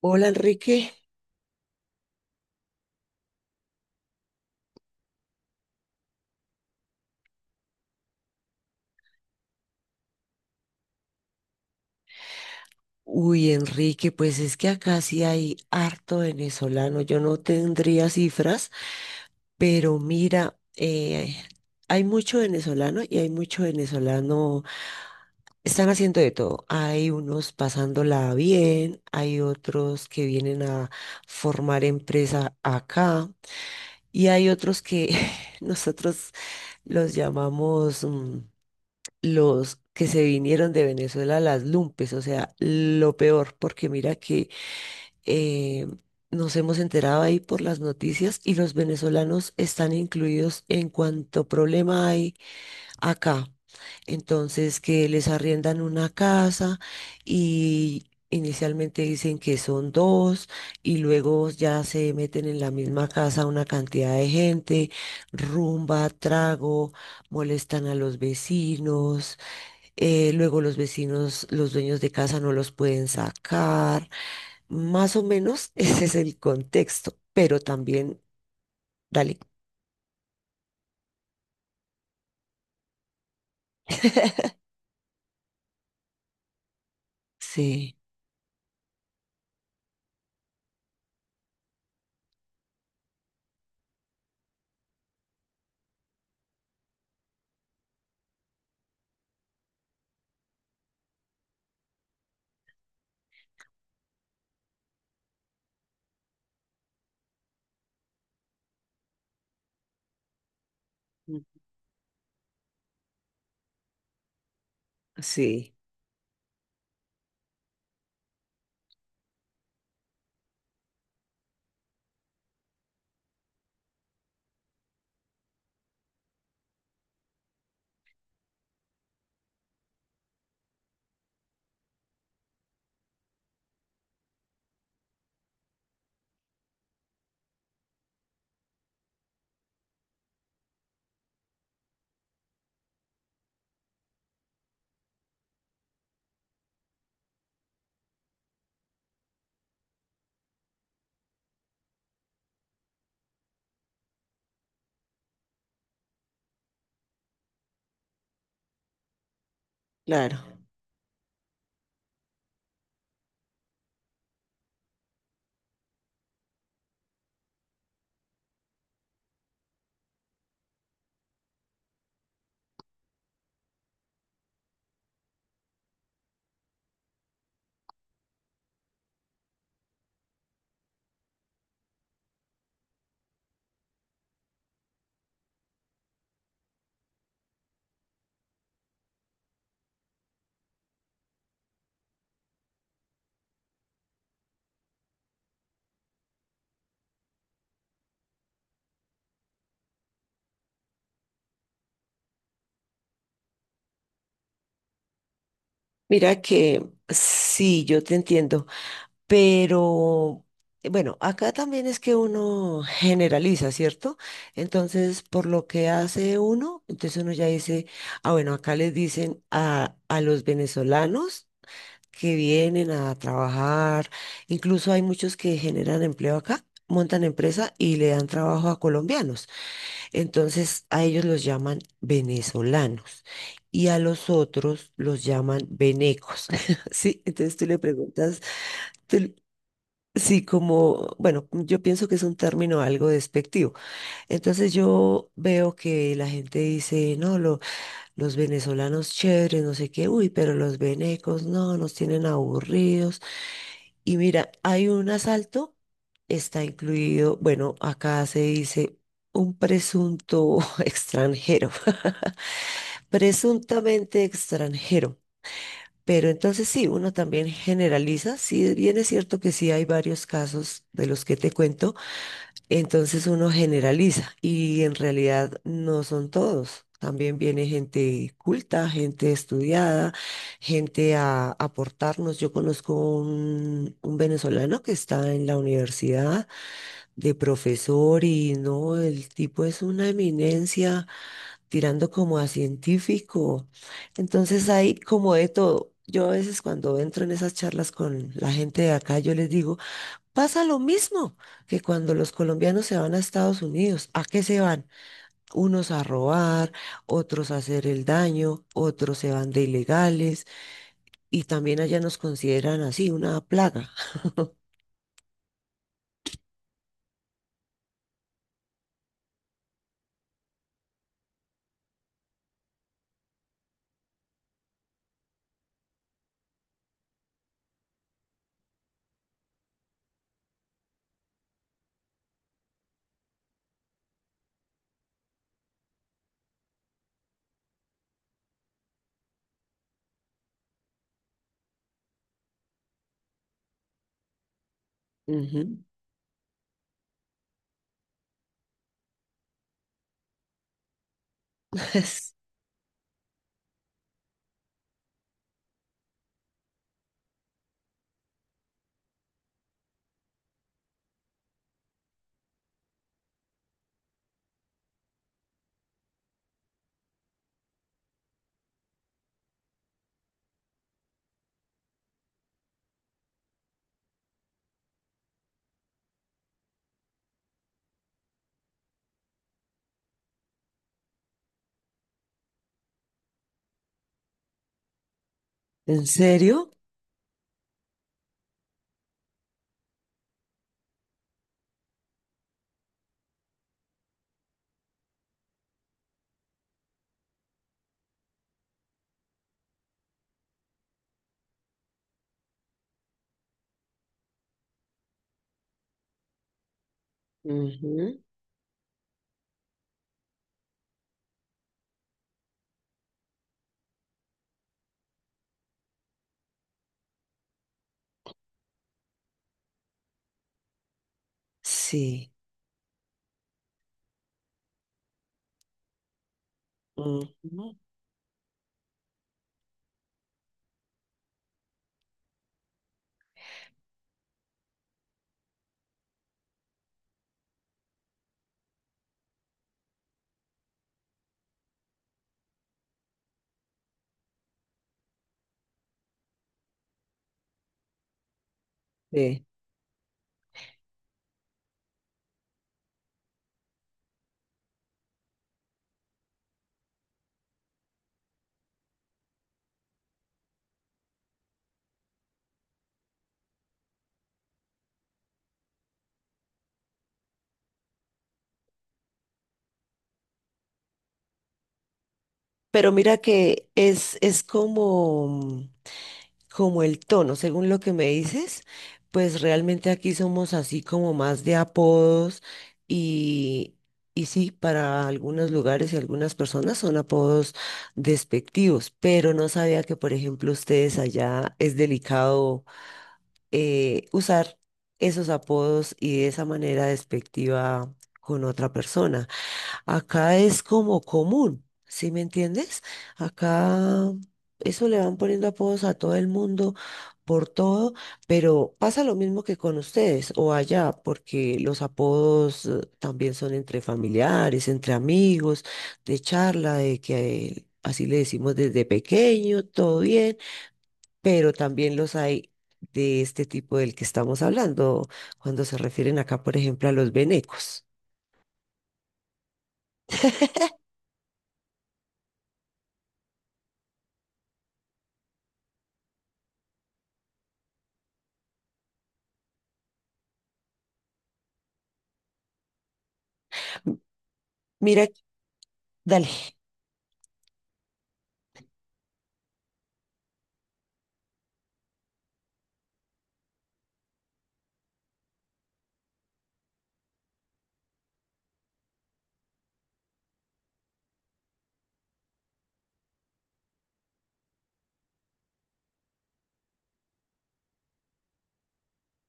Hola Enrique. Uy, Enrique, pues es que acá sí hay harto venezolano. Yo no tendría cifras, pero mira, hay mucho venezolano y hay mucho venezolano. Están haciendo de todo. Hay unos pasándola bien, hay otros que vienen a formar empresa acá y hay otros que nosotros los llamamos... los que se vinieron de Venezuela, las lumpes, o sea, lo peor, porque mira que eh, nos hemos enterado ahí por las noticias y los venezolanos están incluidos en cuanto problema hay acá. Entonces, que les arriendan una casa y... Inicialmente dicen que son dos y luego ya se meten en la misma casa una cantidad de gente, rumba, trago, molestan a los vecinos, luego los vecinos, los dueños de casa no los pueden sacar. Más o menos ese es el contexto, pero también, dale. Sí. Mm. Sí, claro. Mira que sí, yo te entiendo, pero bueno, acá también es que uno generaliza, ¿cierto? Entonces, por lo que hace uno, entonces uno ya dice, ah, bueno, acá les dicen a los venezolanos que vienen a trabajar. Incluso hay muchos que generan empleo acá, montan empresa y le dan trabajo a colombianos. Entonces a ellos los llaman venezolanos y a los otros los llaman venecos. Sí, entonces tú le preguntas, tú- sí, como, bueno, yo pienso que es un término algo despectivo. Entonces yo veo que la gente dice, no, los venezolanos chéveres, no sé qué, uy, pero los venecos, no, nos tienen aburridos. Y mira, hay un asalto, está incluido, bueno, acá se dice un presunto extranjero, presuntamente extranjero. Pero entonces sí, uno también generaliza, sí, bien es cierto que sí hay varios casos de los que te cuento, entonces uno generaliza y en realidad no son todos. También viene gente culta, gente estudiada, gente a aportarnos. Yo conozco un venezolano que está en la universidad de profesor y no, el tipo es una eminencia tirando como a científico. Entonces hay como de todo. Yo a veces cuando entro en esas charlas con la gente de acá, yo les digo: pasa lo mismo que cuando los colombianos se van a Estados Unidos. ¿A qué se van? Unos a robar, otros a hacer el daño, otros se van de ilegales y también allá nos consideran así una plaga. Ujú. ¿En serio? Ujú. Sí. Ujú. Sí. Pero mira que es como, como el tono, según lo que me dices, pues realmente aquí somos así como más de apodos y, y sí, para algunos lugares y algunas personas son apodos despectivos, pero no sabía que, por ejemplo, ustedes allá es delicado usar esos apodos y de esa manera despectiva con otra persona. Acá es como común, ¿sí me entiendes? Acá eso le van poniendo apodos a todo el mundo por todo, pero pasa lo mismo que con ustedes o allá, porque los apodos también son entre familiares, entre amigos, de charla, de que así le decimos desde pequeño, todo bien, pero también los hay de este tipo del que estamos hablando, cuando se refieren acá, por ejemplo, a los venecos. Mira, dale,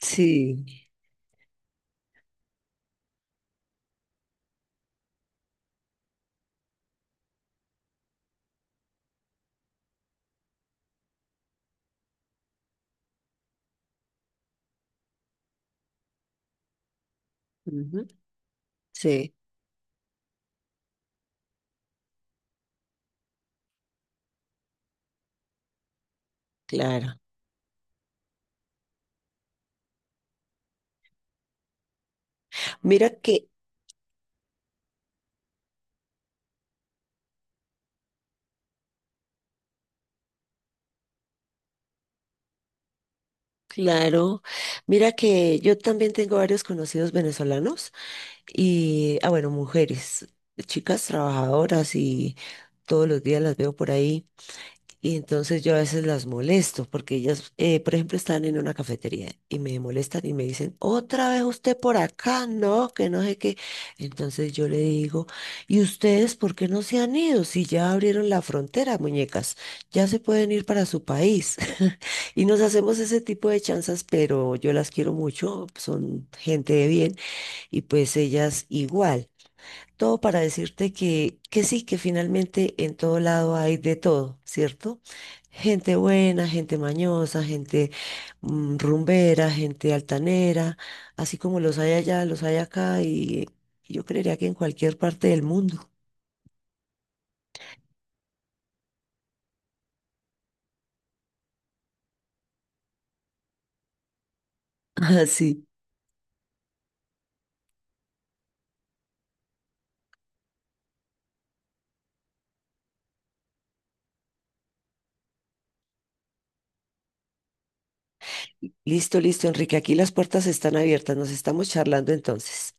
sí. Ujú. Sí, claro. Mira que, claro, mira que yo también tengo varios conocidos venezolanos y, ah, bueno, mujeres, chicas trabajadoras y todos los días las veo por ahí. Y entonces yo a veces las molesto porque ellas, por ejemplo, están en una cafetería y me molestan y me dicen, otra vez usted por acá, no, que no sé qué. Entonces yo le digo, ¿y ustedes por qué no se han ido? Si ya abrieron la frontera, muñecas, ya se pueden ir para su país. Y nos hacemos ese tipo de chanzas, pero yo las quiero mucho, son gente de bien y pues ellas igual. Todo para decirte que sí, que finalmente en todo lado hay de todo, ¿cierto? Gente buena, gente mañosa, gente rumbera, gente altanera, así como los hay allá, los hay acá y yo creería que en cualquier parte del mundo. Así. Listo, listo, Enrique, aquí las puertas están abiertas, nos estamos charlando entonces.